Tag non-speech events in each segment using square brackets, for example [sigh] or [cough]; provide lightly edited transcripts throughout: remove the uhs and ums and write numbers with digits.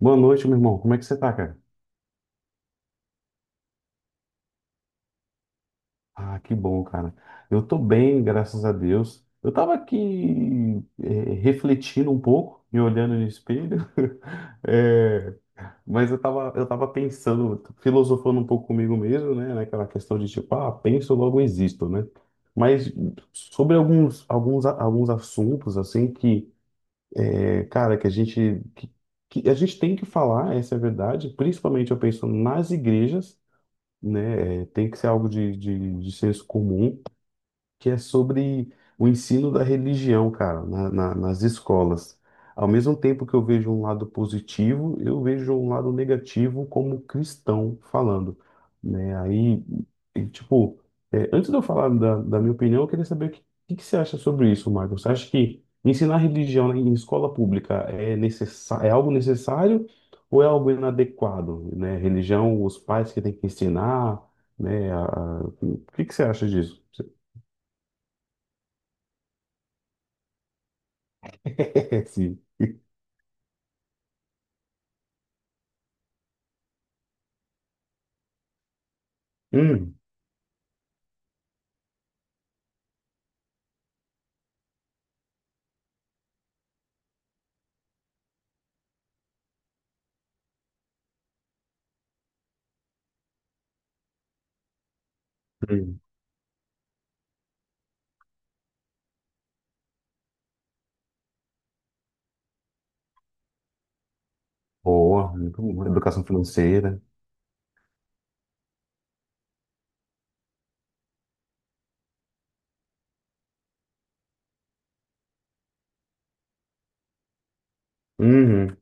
Boa noite, meu irmão. Como é que você tá, cara? Ah, que bom, cara. Eu tô bem, graças a Deus. Eu tava aqui refletindo um pouco, me olhando no espelho, [laughs] eh, mas eu tava pensando, filosofando um pouco comigo mesmo, né? Naquela questão de tipo, ah, penso, logo existo, né? Mas sobre alguns assuntos, assim, que, cara, que a gente tem que falar, essa é a verdade, principalmente eu penso nas igrejas, né? É, tem que ser algo de senso comum que é sobre o ensino da religião, cara, nas escolas. Ao mesmo tempo que eu vejo um lado positivo, eu vejo um lado negativo como cristão falando, né? Aí, e, tipo, é, antes de eu falar da minha opinião, eu queria saber o que você acha sobre isso, Marcos. Você acha que ensinar religião em escola pública é algo necessário ou é algo inadequado, né? Religião, os pais que têm que ensinar, né? O que que você acha disso? [laughs] Sim. Hum, hum. Boa, muito boa. Educação financeira. Uhum.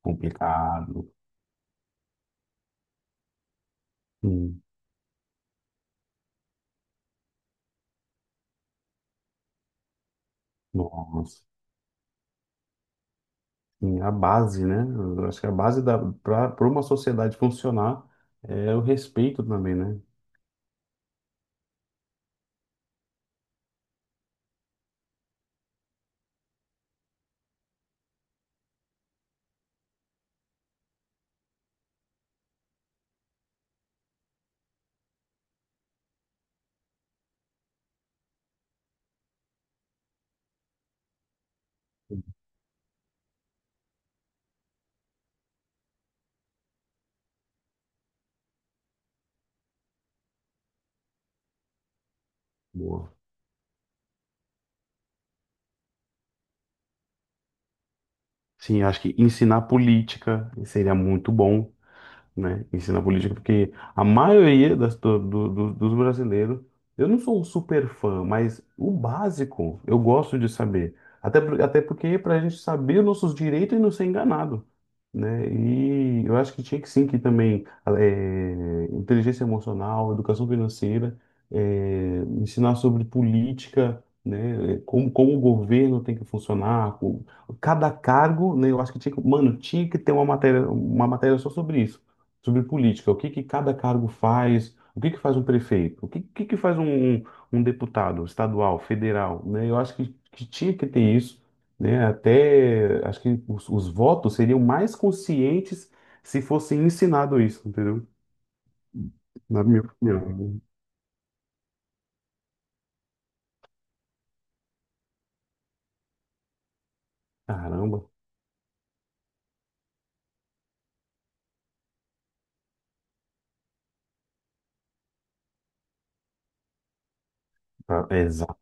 Complicado. Hum. Nossa. Sim, a base, né? Eu acho que a base da para uma sociedade funcionar é o respeito também, né? Boa. Sim, acho que ensinar política seria muito bom. Né, ensina política, porque a maioria das, dos brasileiros, eu não sou um super fã, mas o básico eu gosto de saber. Até porque para a gente saber os nossos direitos e não ser enganado, né? E eu acho que tinha que sim, que também inteligência emocional, educação financeira, ensinar sobre política, né? Como o governo tem que funcionar, como cada cargo, né? Eu acho que tinha que, mano, tinha que ter uma matéria só sobre isso, sobre política, o que que cada cargo faz, o que que faz um prefeito, o que que, um deputado estadual, federal, né? Eu acho que tinha que ter isso, né? Até acho que os votos seriam mais conscientes se fosse ensinado isso, entendeu? Na minha opinião. Caramba, tá, é exato.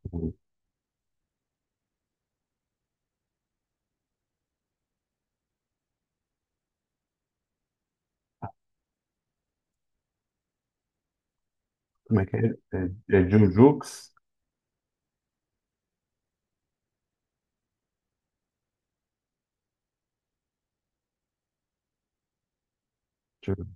Como é que é? É, é Jujux? Ju-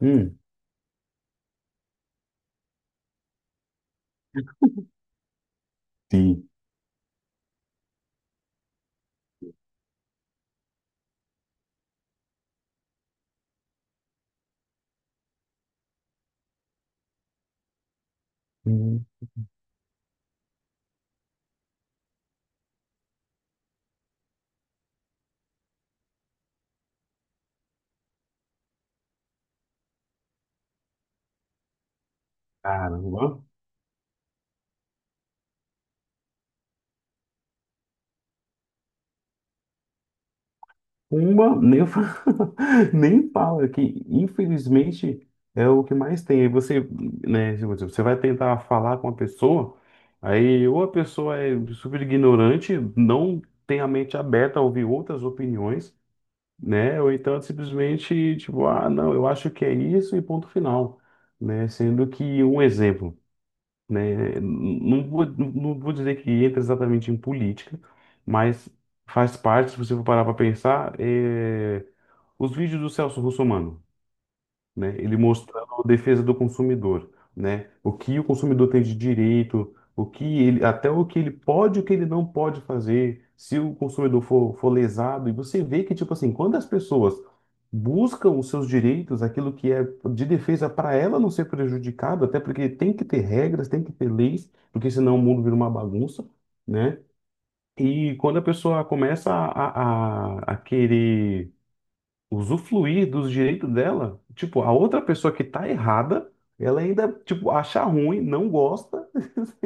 Hum, sim. Hum, caramba. Uma, nem, fa- [laughs] nem fala, que infelizmente é o que mais tem. Aí você, né, tipo assim, você vai tentar falar com a pessoa, aí ou a pessoa é super ignorante, não tem a mente aberta a ouvir outras opiniões, né? Ou então é simplesmente, tipo, ah, não, eu acho que é isso e ponto final, né? Sendo que um exemplo, né? Não vou, não vou dizer que entra exatamente em política, mas faz parte, se você for parar para pensar, é, os vídeos do Celso Russomano, né? Ele mostrando a defesa do consumidor, né? O que o consumidor tem de direito, o que ele, até o que ele pode e o que ele não pode fazer, se o consumidor for lesado. E você vê que, tipo assim, quando as pessoas buscam os seus direitos, aquilo que é de defesa para ela não ser prejudicada, até porque tem que ter regras, tem que ter leis, porque senão o mundo vira uma bagunça, né? E quando a pessoa começa a querer usufruir dos direitos dela. Tipo, a outra pessoa que tá errada, ela ainda, tipo, acha ruim, não gosta,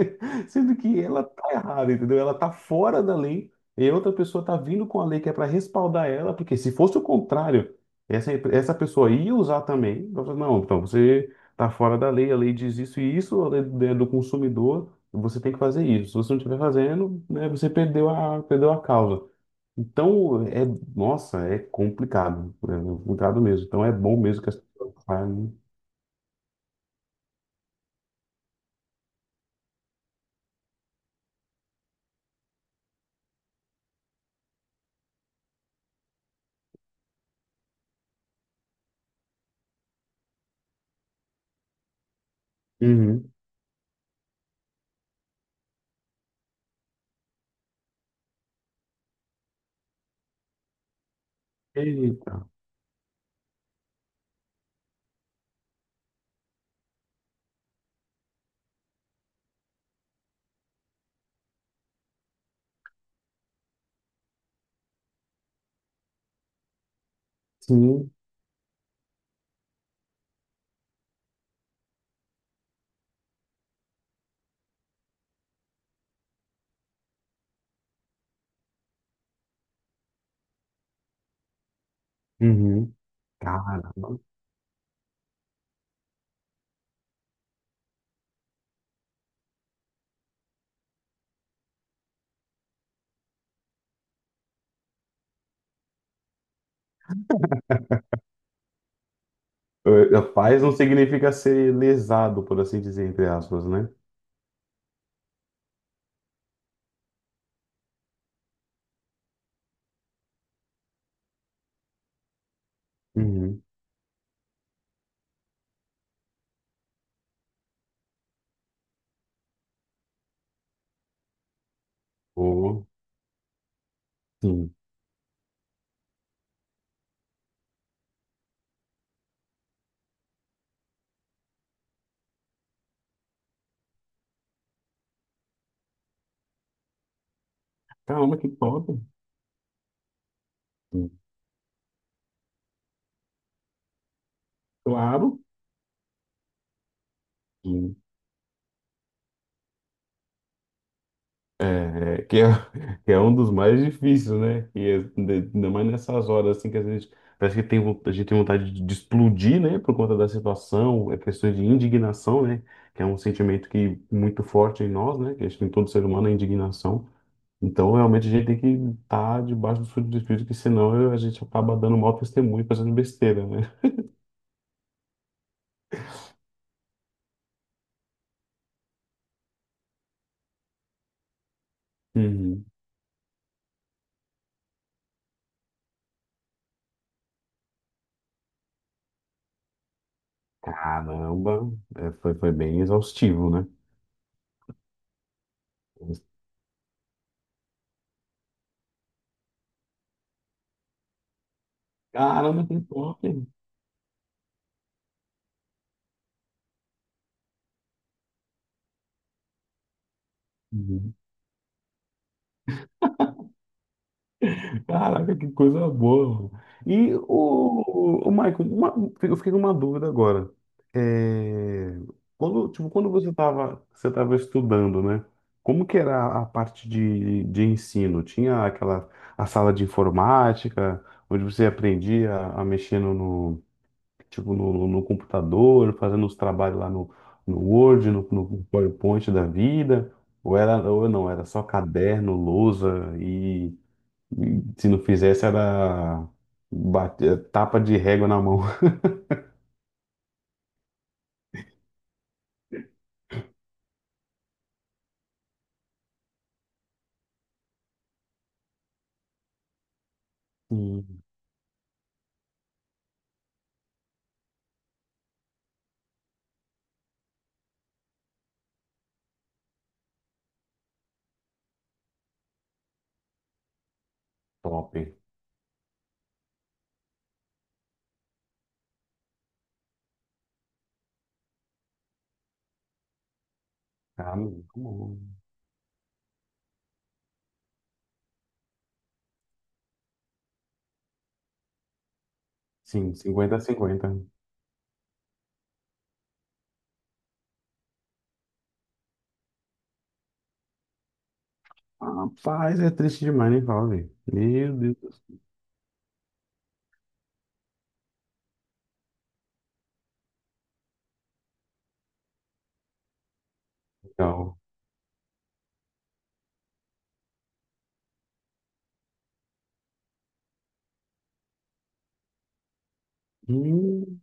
[laughs] sendo que ela tá errada, entendeu? Ela tá fora da lei e a outra pessoa tá vindo com a lei que é para respaldar ela, porque se fosse o contrário, essa pessoa ia usar também. Então, fala, não, então você tá fora da lei, a lei diz isso e isso, a lei é do consumidor, você tem que fazer isso. Se você não estiver fazendo, né, você perdeu a causa. Então, é, nossa, é complicado mesmo. Então, é bom mesmo que as pessoas falem. Uhum. Eita, sim, uhum. Caramba. Eh, paz não significa ser lesado, por assim dizer, entre aspas, né? Uhum. Oh, sim. Caramba, que top. Sim. Claro. É, [laughs] que é um dos mais difíceis, né? E é, de- ainda mais nessas horas assim que às vezes parece que tem, vo- a gente tem vontade de explodir, né? Por conta da situação, é questão de indignação, né? Que é um sentimento que muito forte em nós, né? Que acho que em todo ser humano é indignação. Então, realmente, a gente tem que estar debaixo do fruto do Espírito, que senão a gente acaba dando mau testemunho, fazendo besteira, né? Uhum. Caramba, é, foi, foi bem exaustivo, né? Caramba, que top! Uhum. Caraca, que coisa boa, mano. E o Michael, uma- eu fiquei com uma dúvida agora. É, quando, tipo, quando você tava estudando, né? Como que era a parte de ensino? Tinha aquela a sala de informática, onde você aprendia a mexer tipo, no computador, fazendo os trabalhos lá no, no Word, no PowerPoint da vida? Ou era, ou não, era só caderno, lousa e se não fizesse, era bate- tapa de régua na mão. [laughs] Hum, top. Ah, muito bom. Sim, 50 a 50. Rapaz, é triste demais, hein, Paulo? Meu Deus do céu. Hum,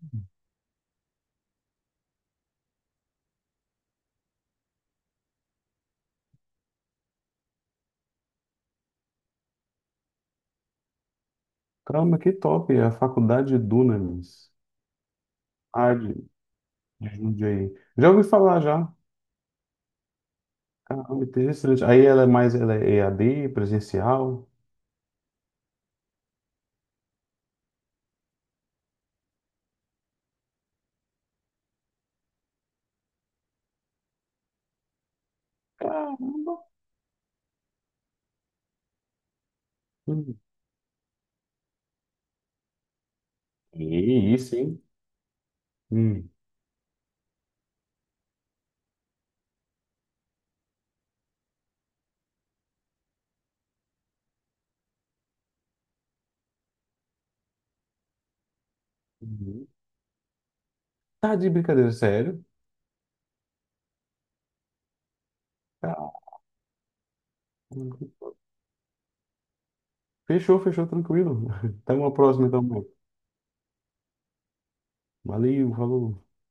caramba, que top. É a faculdade de Dunamis. Ah, de Jundiaí. Já ouvi falar já. Caramba, interessante. Aí ela é mais, ela é EAD, presencial. Caramba. Hum, que isso, hein? Hum. Uhum. Tá de brincadeira, sério? Caramba. Fechou, fechou, tranquilo. [laughs] Até uma próxima, então, mano. Valeu, falou.